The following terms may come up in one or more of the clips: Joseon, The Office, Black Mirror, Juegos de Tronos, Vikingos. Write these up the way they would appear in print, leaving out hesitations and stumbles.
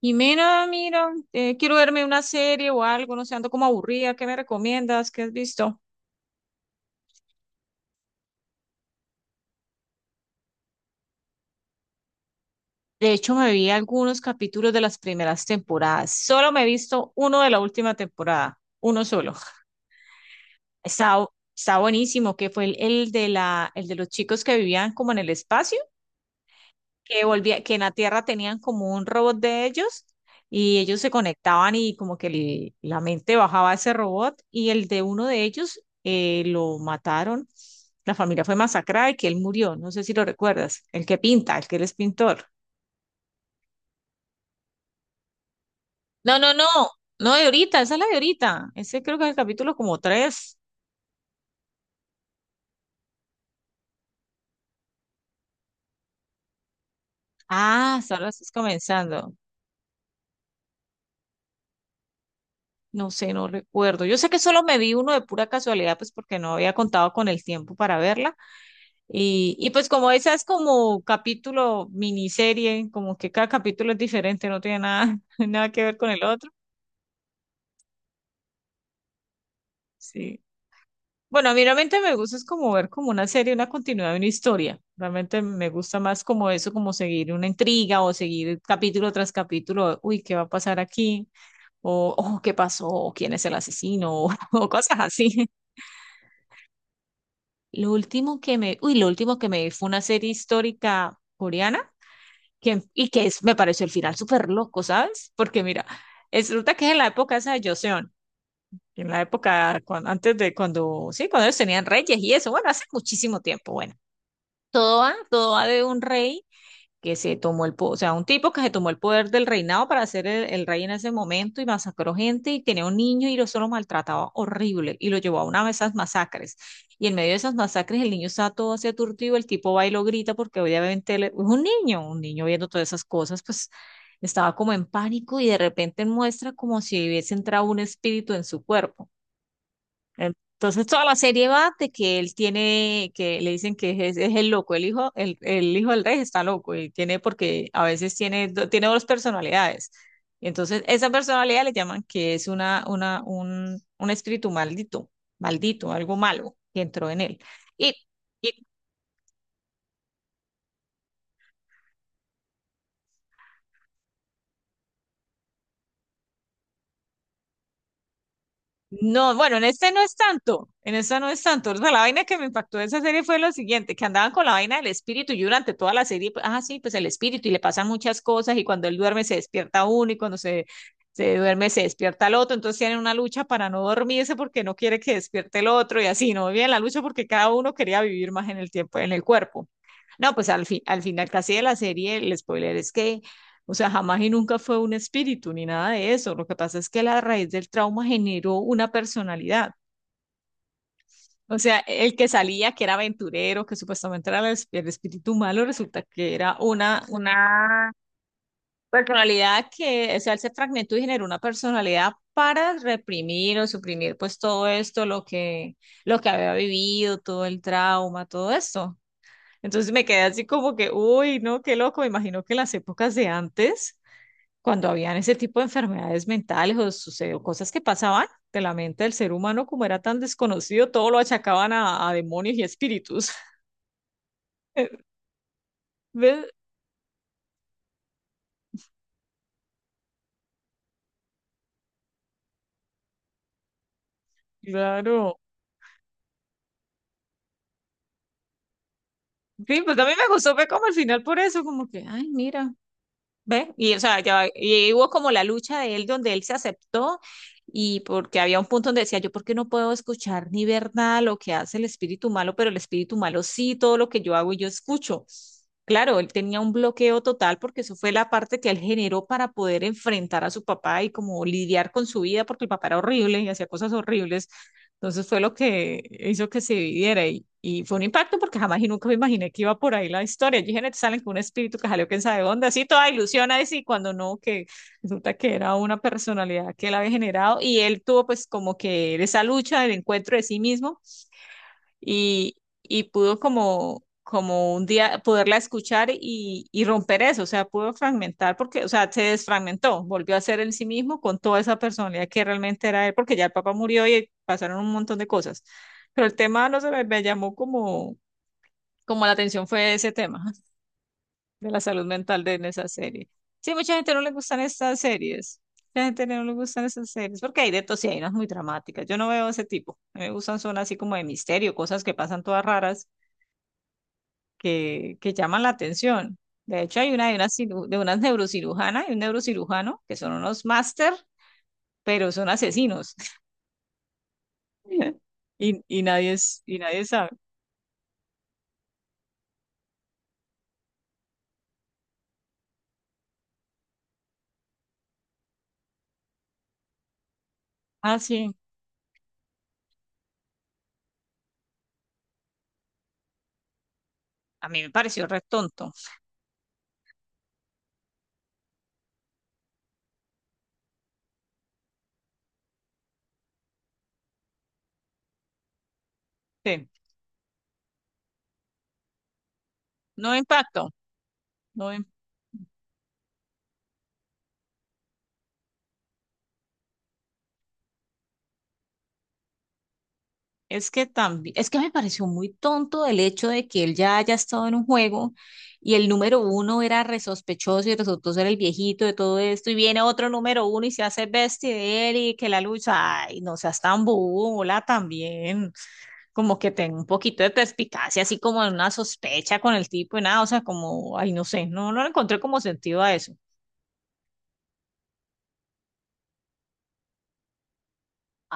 Jimena, mira, quiero verme una serie o algo, no sé, ando como aburrida, ¿qué me recomiendas? ¿Qué has visto? De hecho, me vi algunos capítulos de las primeras temporadas. Solo me he visto uno de la última temporada, uno solo. Está, bu- Está buenísimo, que fue el de los chicos que vivían como en el espacio. Que volvía, que en la Tierra tenían como un robot de ellos, y ellos se conectaban y como que la mente bajaba a ese robot y el de uno de ellos, lo mataron. La familia fue masacrada y que él murió. No sé si lo recuerdas. El que pinta, el que él es pintor. No, no, no. No, de ahorita, esa es la de ahorita. Ese creo que es el capítulo como tres. Ah, solo estás comenzando. No sé, no recuerdo. Yo sé que solo me vi uno de pura casualidad, pues porque no había contado con el tiempo para verla. Y pues como esa es como capítulo, miniserie, como que cada capítulo es diferente, no tiene nada, nada que ver con el otro. Sí. Bueno, a mí realmente me gusta es como ver como una serie, una continuidad de una historia. Realmente me gusta más como eso, como seguir una intriga o seguir capítulo tras capítulo, uy, ¿qué va a pasar aquí? O ¿qué pasó? O, ¿quién es el asesino? O, cosas así. Lo último que me vi fue una serie histórica coreana que, me pareció el final súper loco, ¿sabes? Porque mira, resulta que es en la época esa de Joseon, en la época antes de cuando, sí, cuando ellos tenían reyes y eso, bueno, hace muchísimo tiempo. Bueno, todo va de un rey que se tomó el poder, o sea, un tipo que se tomó el poder del reinado para ser el rey en ese momento, y masacró gente y tenía un niño y lo solo maltrataba horrible y lo llevó a una de esas masacres. Y en medio de esas masacres el niño está todo así aturdido, el tipo va y lo grita porque obviamente él es un niño viendo todas esas cosas, pues estaba como en pánico y de repente muestra como si hubiese entrado un espíritu en su cuerpo. Entonces toda la serie va de que él tiene, que le dicen que es el loco, el hijo del rey está loco, y tiene, porque a veces tiene, tiene dos personalidades. Entonces esa personalidad le llaman que es un espíritu maldito, maldito, algo malo que entró en él. Y, y No, bueno, en este no es tanto, en esta no es tanto. O sea, la vaina que me impactó de esa serie fue lo siguiente, que andaban con la vaina del espíritu y durante toda la serie, pues, ah, sí, pues el espíritu, y le pasan muchas cosas, y cuando él duerme se despierta uno, y se duerme se despierta el otro. Entonces tienen una lucha para no dormirse porque no quiere que despierte el otro, y así, no bien la lucha porque cada uno quería vivir más en el tiempo, en el cuerpo. No, pues al fin, al final casi de la serie, el spoiler es que, o sea, jamás y nunca fue un espíritu ni nada de eso. Lo que pasa es que la raíz del trauma generó una personalidad. O sea, el que salía, que era aventurero, que supuestamente era el espíritu malo, resulta que era una personalidad que, o sea, él se fragmentó y generó una personalidad para reprimir o suprimir pues todo esto, lo que había vivido, todo el trauma, todo esto. Entonces me quedé así como que, uy, no, qué loco. Me imagino que en las épocas de antes, cuando habían ese tipo de enfermedades mentales o sucedió cosas que pasaban de la mente del ser humano, como era tan desconocido, todo lo achacaban a demonios y espíritus. ¿Ves? Claro. Sí, pues a mí me gustó, fue como al final por eso, como que, ay, mira, ¿ves? Y hubo como la lucha de él donde él se aceptó, y porque había un punto donde decía, yo por qué no puedo escuchar ni ver nada lo que hace el espíritu malo, pero el espíritu malo sí, todo lo que yo hago y yo escucho. Claro, él tenía un bloqueo total porque eso fue la parte que él generó para poder enfrentar a su papá y como lidiar con su vida, porque el papá era horrible y hacía cosas horribles. Entonces fue lo que hizo que se dividiera, y fue un impacto porque jamás y nunca me imaginé que iba por ahí la historia. Yo dije: "Neta, salen con un espíritu que salió quién sabe dónde, así toda ilusión ahí sí, cuando no, que resulta que era una personalidad que él había generado, y él tuvo pues como que esa lucha del encuentro de sí mismo, y, y pudo como, como un día poderla escuchar, y romper eso. O sea, pudo fragmentar porque, o sea, se desfragmentó, volvió a ser él sí mismo con toda esa personalidad que realmente era él, porque ya el papá murió y pasaron un montón de cosas. Pero el tema, no sé, me llamó como, como la atención fue ese tema de la salud mental de en esa serie. Sí, mucha gente no le gustan estas series. Mucha gente no le gustan esas series porque hay de todo, sí, hay unas muy dramáticas. Yo no veo ese tipo. A mí me gustan son así como de misterio, cosas que pasan todas raras que llaman la atención. De hecho, hay una de de unas neurocirujana y un neurocirujano que son unos máster, pero son asesinos. Y nadie, y nadie sabe. Ah, sí. A mí me pareció re tonto. Sí. No impacto. No. Es que también, es que me pareció muy tonto el hecho de que él ya haya estado en un juego, y el número uno era resospechoso y resultó ser el viejito de todo esto, y viene otro número uno y se hace bestia de él, y que la lucha, ay, no seas tan bola también, como que tenga un poquito de perspicacia, así como en una sospecha con el tipo, y nada, o sea, como, ay, no sé, no, no le encontré como sentido a eso.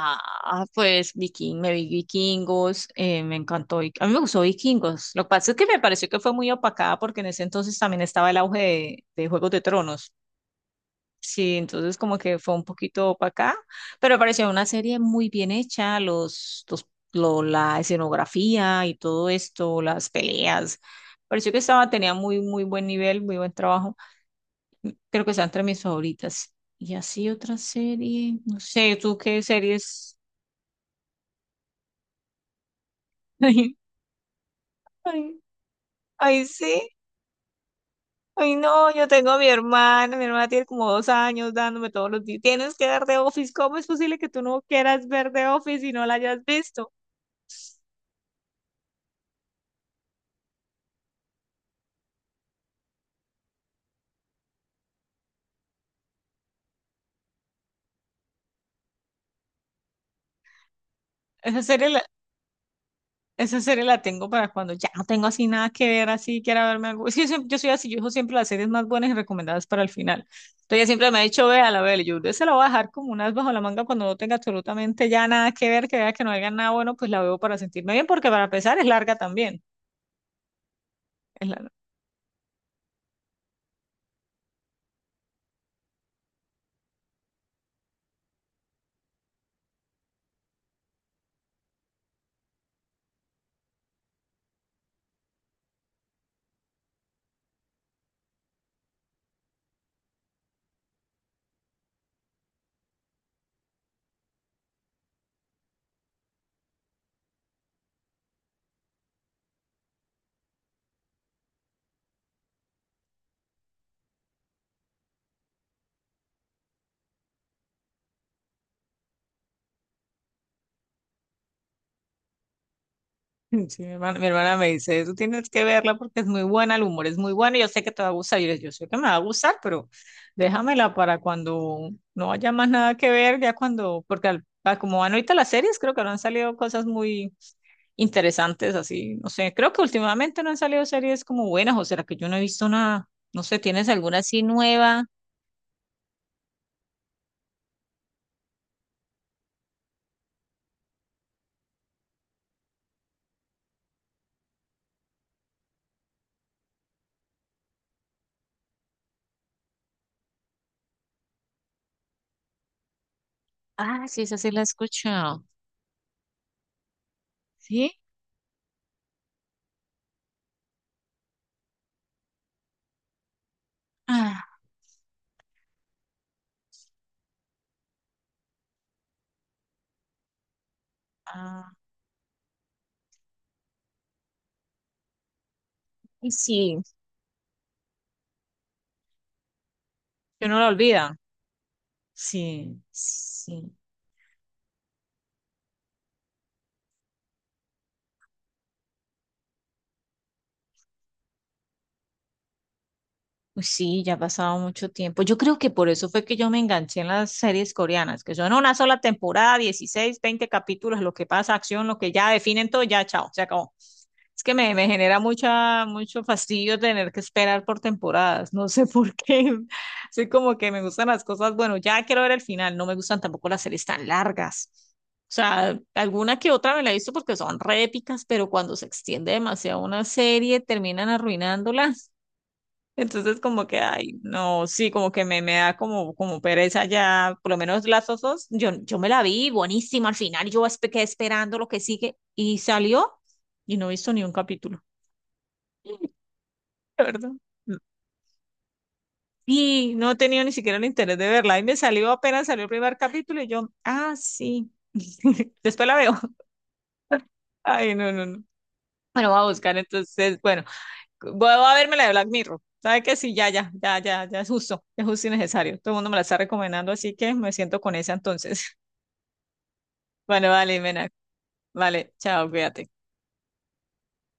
Ah, pues Viking, me vi Vikingos, me encantó. A mí me gustó Vikingos. Lo que pasa es que me pareció que fue muy opacada porque en ese entonces también estaba el auge de Juegos de Tronos. Sí, entonces como que fue un poquito opacada, pero me pareció una serie muy bien hecha, la escenografía y todo esto, las peleas. Pareció que estaba, tenía muy buen nivel, muy buen trabajo. Creo que está entre mis favoritas. Y así otra serie, no sé, ¿tú qué series? Ay, ay, sí. Ay, no, yo tengo a mi hermana. Mi hermana tiene como 2 años dándome todos los días. Tienes que ver The Office. ¿Cómo es posible que tú no quieras ver The Office y no la hayas visto? Esa serie la, esa serie la tengo para cuando ya no tengo así nada que ver, así quiera verme algo. Es que yo, yo soy así, yo dejo siempre las series más buenas y recomendadas para el final. Entonces ella siempre me ha dicho, vea la véala. Yo se la voy a dejar como unas bajo la manga cuando no tenga absolutamente ya nada que ver, que vea que no haya nada bueno, pues la veo para sentirme bien, porque para empezar es larga también. Sí, mi hermana me dice, tú tienes que verla porque es muy buena, el humor es muy bueno, y yo sé que te va a gustar. Yo sé que me va a gustar, pero déjamela para cuando no haya más nada que ver, ya cuando, porque a como van ahorita las series, creo que no han salido cosas muy interesantes, así, no sé, creo que últimamente no han salido series como buenas, o será que yo no he visto nada, no sé, ¿tienes alguna así nueva? Ah, sí, esa sí la he escuchado. ¿Sí? Ah, ah, y sí, que uno la olvida. Sí, sí. Uy, sí, ya ha pasado mucho tiempo. Yo creo que por eso fue que yo me enganché en las series coreanas, que son una sola temporada, 16, 20 capítulos, lo que pasa, acción, lo que ya definen todo, ya, chao, se acabó. Es que me genera mucho fastidio tener que esperar por temporadas. No sé por qué. Soy como que me gustan las cosas. Bueno, ya quiero ver el final. No me gustan tampoco las series tan largas. O sea, alguna que otra me la he visto porque son re épicas, pero cuando se extiende demasiado una serie, terminan arruinándola. Entonces, como que, ay, no, sí, como que me da como, como pereza ya, por lo menos las osos. Yo me la vi buenísima al final. Yo quedé esperando lo que sigue y salió, y no he visto ni un capítulo. La verdad. Y no he tenido ni siquiera el interés de verla. Ahí me salió apenas salió el primer capítulo y yo, ah, sí. Después la veo. Ay, no, no, no. Bueno, voy a buscar entonces, bueno, voy a verme la de Black Mirror. ¿Sabe que sí? Ya, ya, ya, ya, ya es justo y necesario. Todo el mundo me la está recomendando, así que me siento con esa entonces. Bueno, vale, Mena. Vale, chao, cuídate.